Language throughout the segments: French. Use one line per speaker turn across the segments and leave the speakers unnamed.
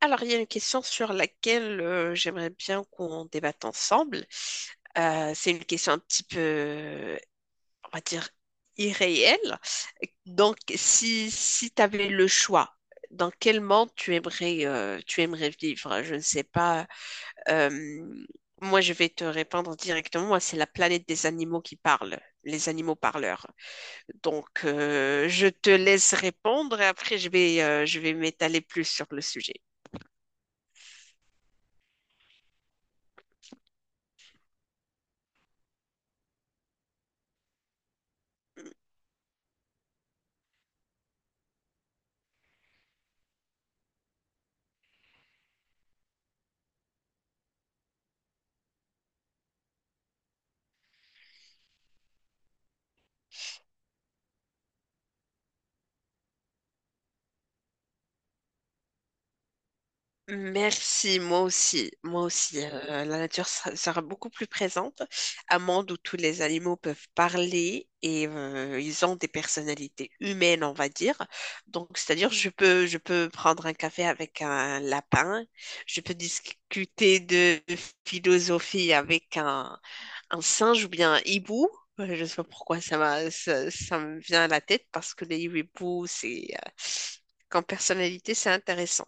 Alors, il y a une question sur laquelle j'aimerais bien qu'on débatte ensemble. C'est une question un petit peu, on va dire, irréelle. Donc, si tu avais le choix, dans quel monde tu aimerais vivre? Je ne sais pas. Euh, moi, je vais te répondre directement. Moi, c'est la planète des animaux qui parle, les animaux parleurs. Donc, je te laisse répondre et après, je vais m'étaler plus sur le sujet. Merci, moi aussi, moi aussi. La nature sera beaucoup plus présente. Un monde où tous les animaux peuvent parler et ils ont des personnalités humaines, on va dire. Donc, c'est-à-dire, je peux prendre un café avec un lapin, je peux discuter de philosophie avec un singe ou bien un hibou. Je sais pas pourquoi ça me vient à la tête parce que les hiboux, comme personnalité, c'est intéressant.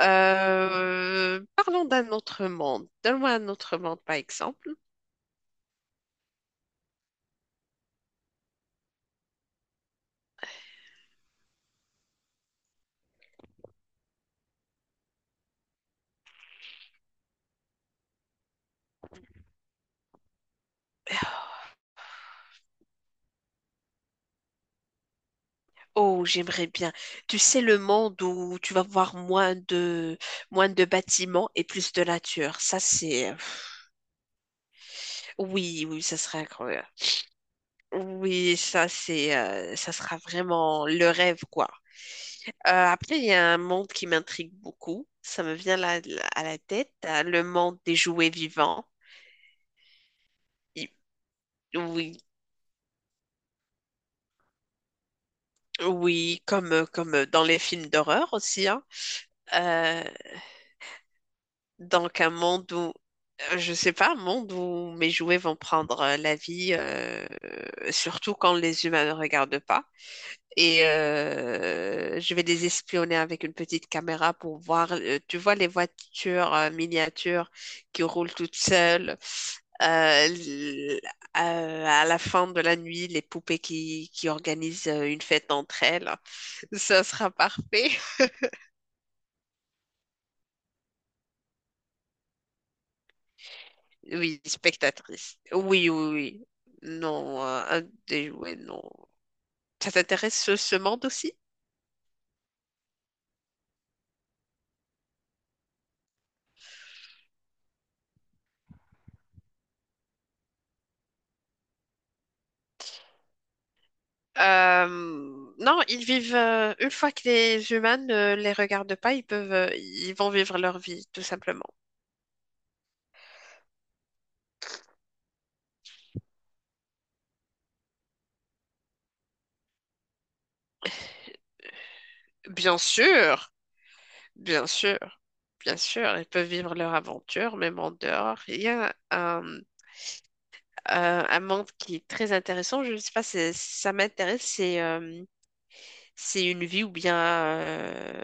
Parlons d'un autre monde. Donne-moi un autre monde, par exemple. Oh, j'aimerais bien. Tu sais, le monde où tu vas voir moins de bâtiments et plus de nature. Oui, oui, ça serait incroyable. Oui, ça sera vraiment le rêve, quoi. Après, il y a un monde qui m'intrigue beaucoup. Ça me vient là, à la tête. Le monde des jouets vivants. Il- Oui, oui, comme, comme dans les films d'horreur aussi, hein. Euh, donc un monde où, je sais pas, un monde où mes jouets vont prendre la vie, surtout quand les humains ne regardent pas. Et je vais les espionner avec une petite caméra pour voir, tu vois, les voitures miniatures qui roulent toutes seules. Euh, l- à la fin de la nuit, les poupées qui organisent une fête entre elles. Ça sera parfait. Oui, spectatrice. Oui, oui, oui. Non, un des jouets, non. Ça t'intéresse ce monde aussi? Euh, non, une fois que les humains ne les regardent pas, ils vont vivre leur vie, tout simplement. Bien sûr, bien sûr, bien sûr, ils peuvent vivre leur aventure, même en dehors. Il y a un monde qui est très intéressant, je ne sais pas si ça m'intéresse, c'est une vie ou bien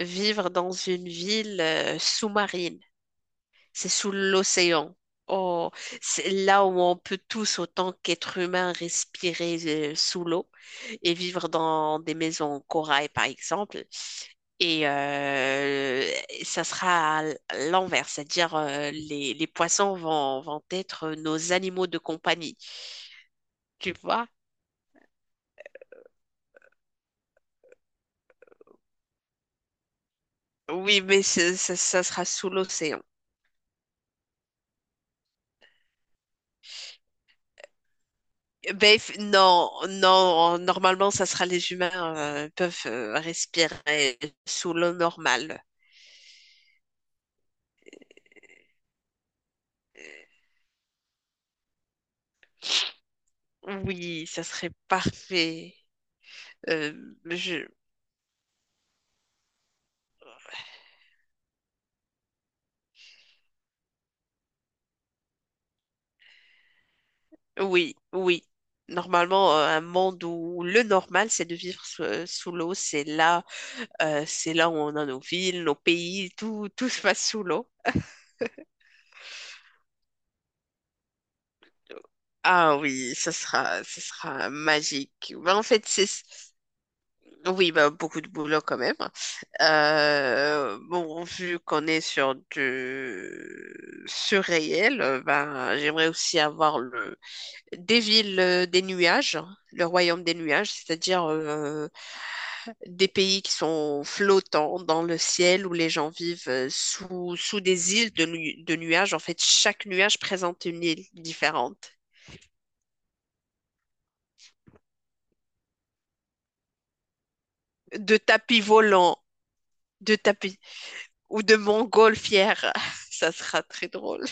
vivre dans une ville sous-marine. C'est sous l'océan. Oh, c'est là où on peut tous, autant qu'être humain, respirer sous l'eau et vivre dans des maisons en corail, par exemple. Et ça sera à l'envers, c'est-à-dire les poissons vont être nos animaux de compagnie. Tu vois? Oui, mais ça sera sous l'océan. Non, non, normalement, ça sera les humains peuvent respirer sous l'eau normale. Oui, ça serait parfait. Euh, je... Oui, oui. Normalement, un monde où le normal, c'est de vivre sous l'eau. C'est là où on a nos villes, nos pays, tout se passe sous l'eau. Ah oui, ça sera magique. Mais en fait, c'est oui, bah, beaucoup de boulot quand même. Bon, vu qu'on est sur du surréel, ben, j'aimerais aussi avoir le des villes des nuages, le royaume des nuages, c'est-à-dire des pays qui sont flottants dans le ciel où les gens vivent sous sous des îles de nuages. En fait, chaque nuage présente une île différente. De tapis volants, de tapis ou de montgolfières, ça sera très drôle.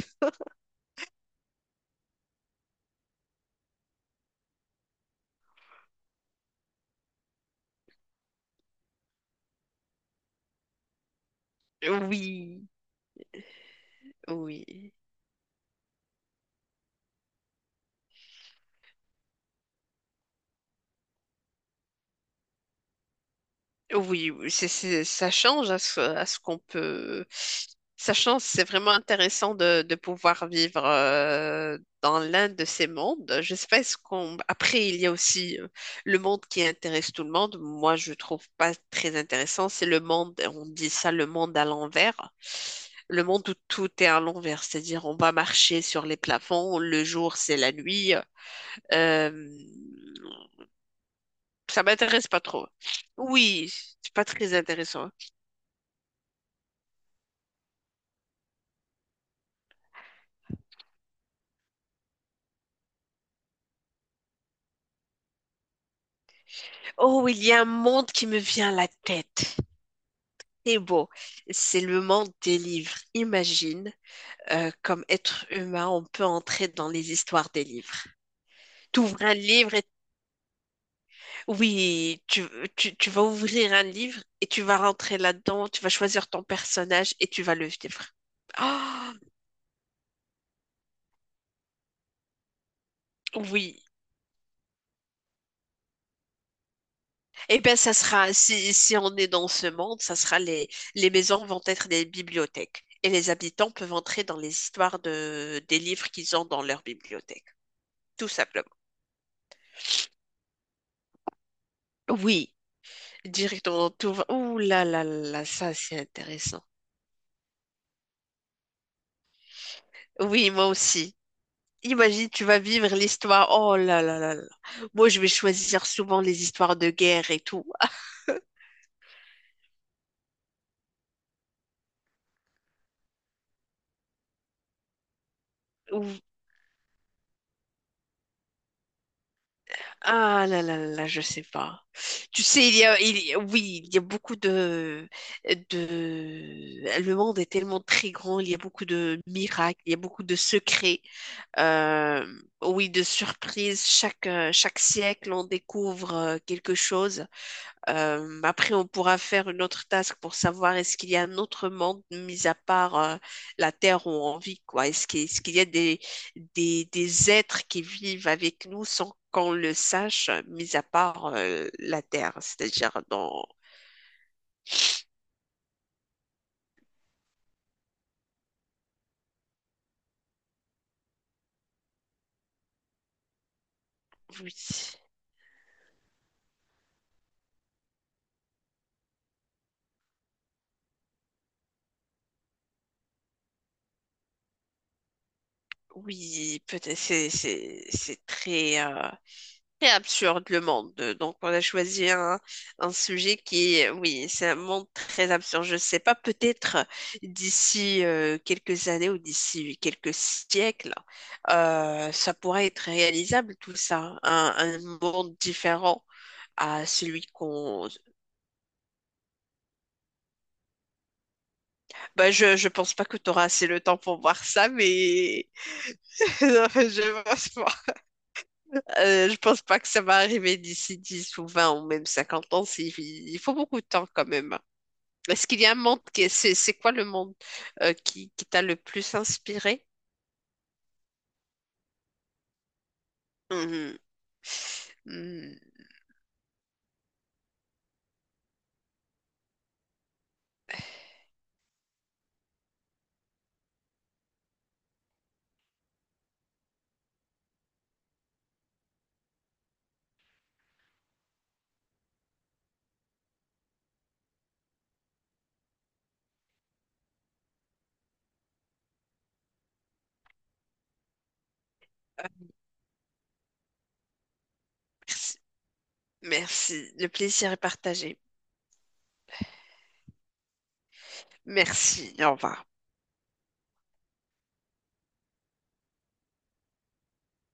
Oui, oui, oui, ça change à à ce qu'on peut. Ça change, c'est vraiment intéressant de pouvoir vivre dans l'un de ces mondes. Je sais pas, est-ce qu'on. Après, il y a aussi le monde qui intéresse tout le monde. Moi, je trouve pas très intéressant. C'est le monde, on dit ça, le monde à l'envers. Le monde où tout est à l'envers, c'est-à-dire on va marcher sur les plafonds, le jour c'est la nuit. Euh, Ça m'intéresse pas trop. Oui, c'est pas très intéressant. Oh, il y a un monde qui me vient à la tête. C'est beau. C'est le monde des livres. Imagine, comme être humain, on peut entrer dans les histoires des livres. T'ouvres un livre et oui, tu vas ouvrir un livre et tu vas rentrer là-dedans, tu vas choisir ton personnage et tu vas le vivre. Ah, oui, eh bien, si, si on est dans ce monde, les maisons vont être des bibliothèques et les habitants peuvent entrer dans les histoires des livres qu'ils ont dans leur bibliothèque, tout simplement. Oui. Directement, tout va. Ouh là là là, ça c'est intéressant. Oui, moi aussi. Imagine, tu vas vivre l'histoire. Oh là là là là. Moi, je vais choisir souvent les histoires de guerre et tout. Ah là là là, là, je sais pas. Tu sais, oui, il y a beaucoup de, le monde est tellement très grand, il y a beaucoup de miracles, il y a beaucoup de secrets, euh, oui, de surprises. Chaque siècle, on découvre quelque chose. Après, on pourra faire une autre task pour savoir est-ce qu'il y a un autre monde mis à part la Terre où on vit, quoi. Est-ce qu'il y a des êtres qui vivent avec nous sans qu'on le sache, mis à part la Terre, c'est-à-dire dans... Oui, oui, peut-être c'est très... très absurde le monde. Donc, on a choisi un sujet qui est, oui, c'est un monde très absurde. Je ne sais pas, peut-être d'ici quelques années ou d'ici quelques siècles, ça pourrait être réalisable tout ça, un monde différent à celui qu'on... Bah, je ne pense pas que tu auras assez le temps pour voir ça, mais non, je pense pas. Je pense pas que ça va arriver d'ici 10 ou 20 ou même 50 ans. Il faut beaucoup de temps quand même. Est-ce qu'il y a un monde qui est- c'est quoi le monde qui t'a le plus inspiré? Mhm. Mhm. Merci. Merci. Le plaisir est partagé. Merci. Au revoir.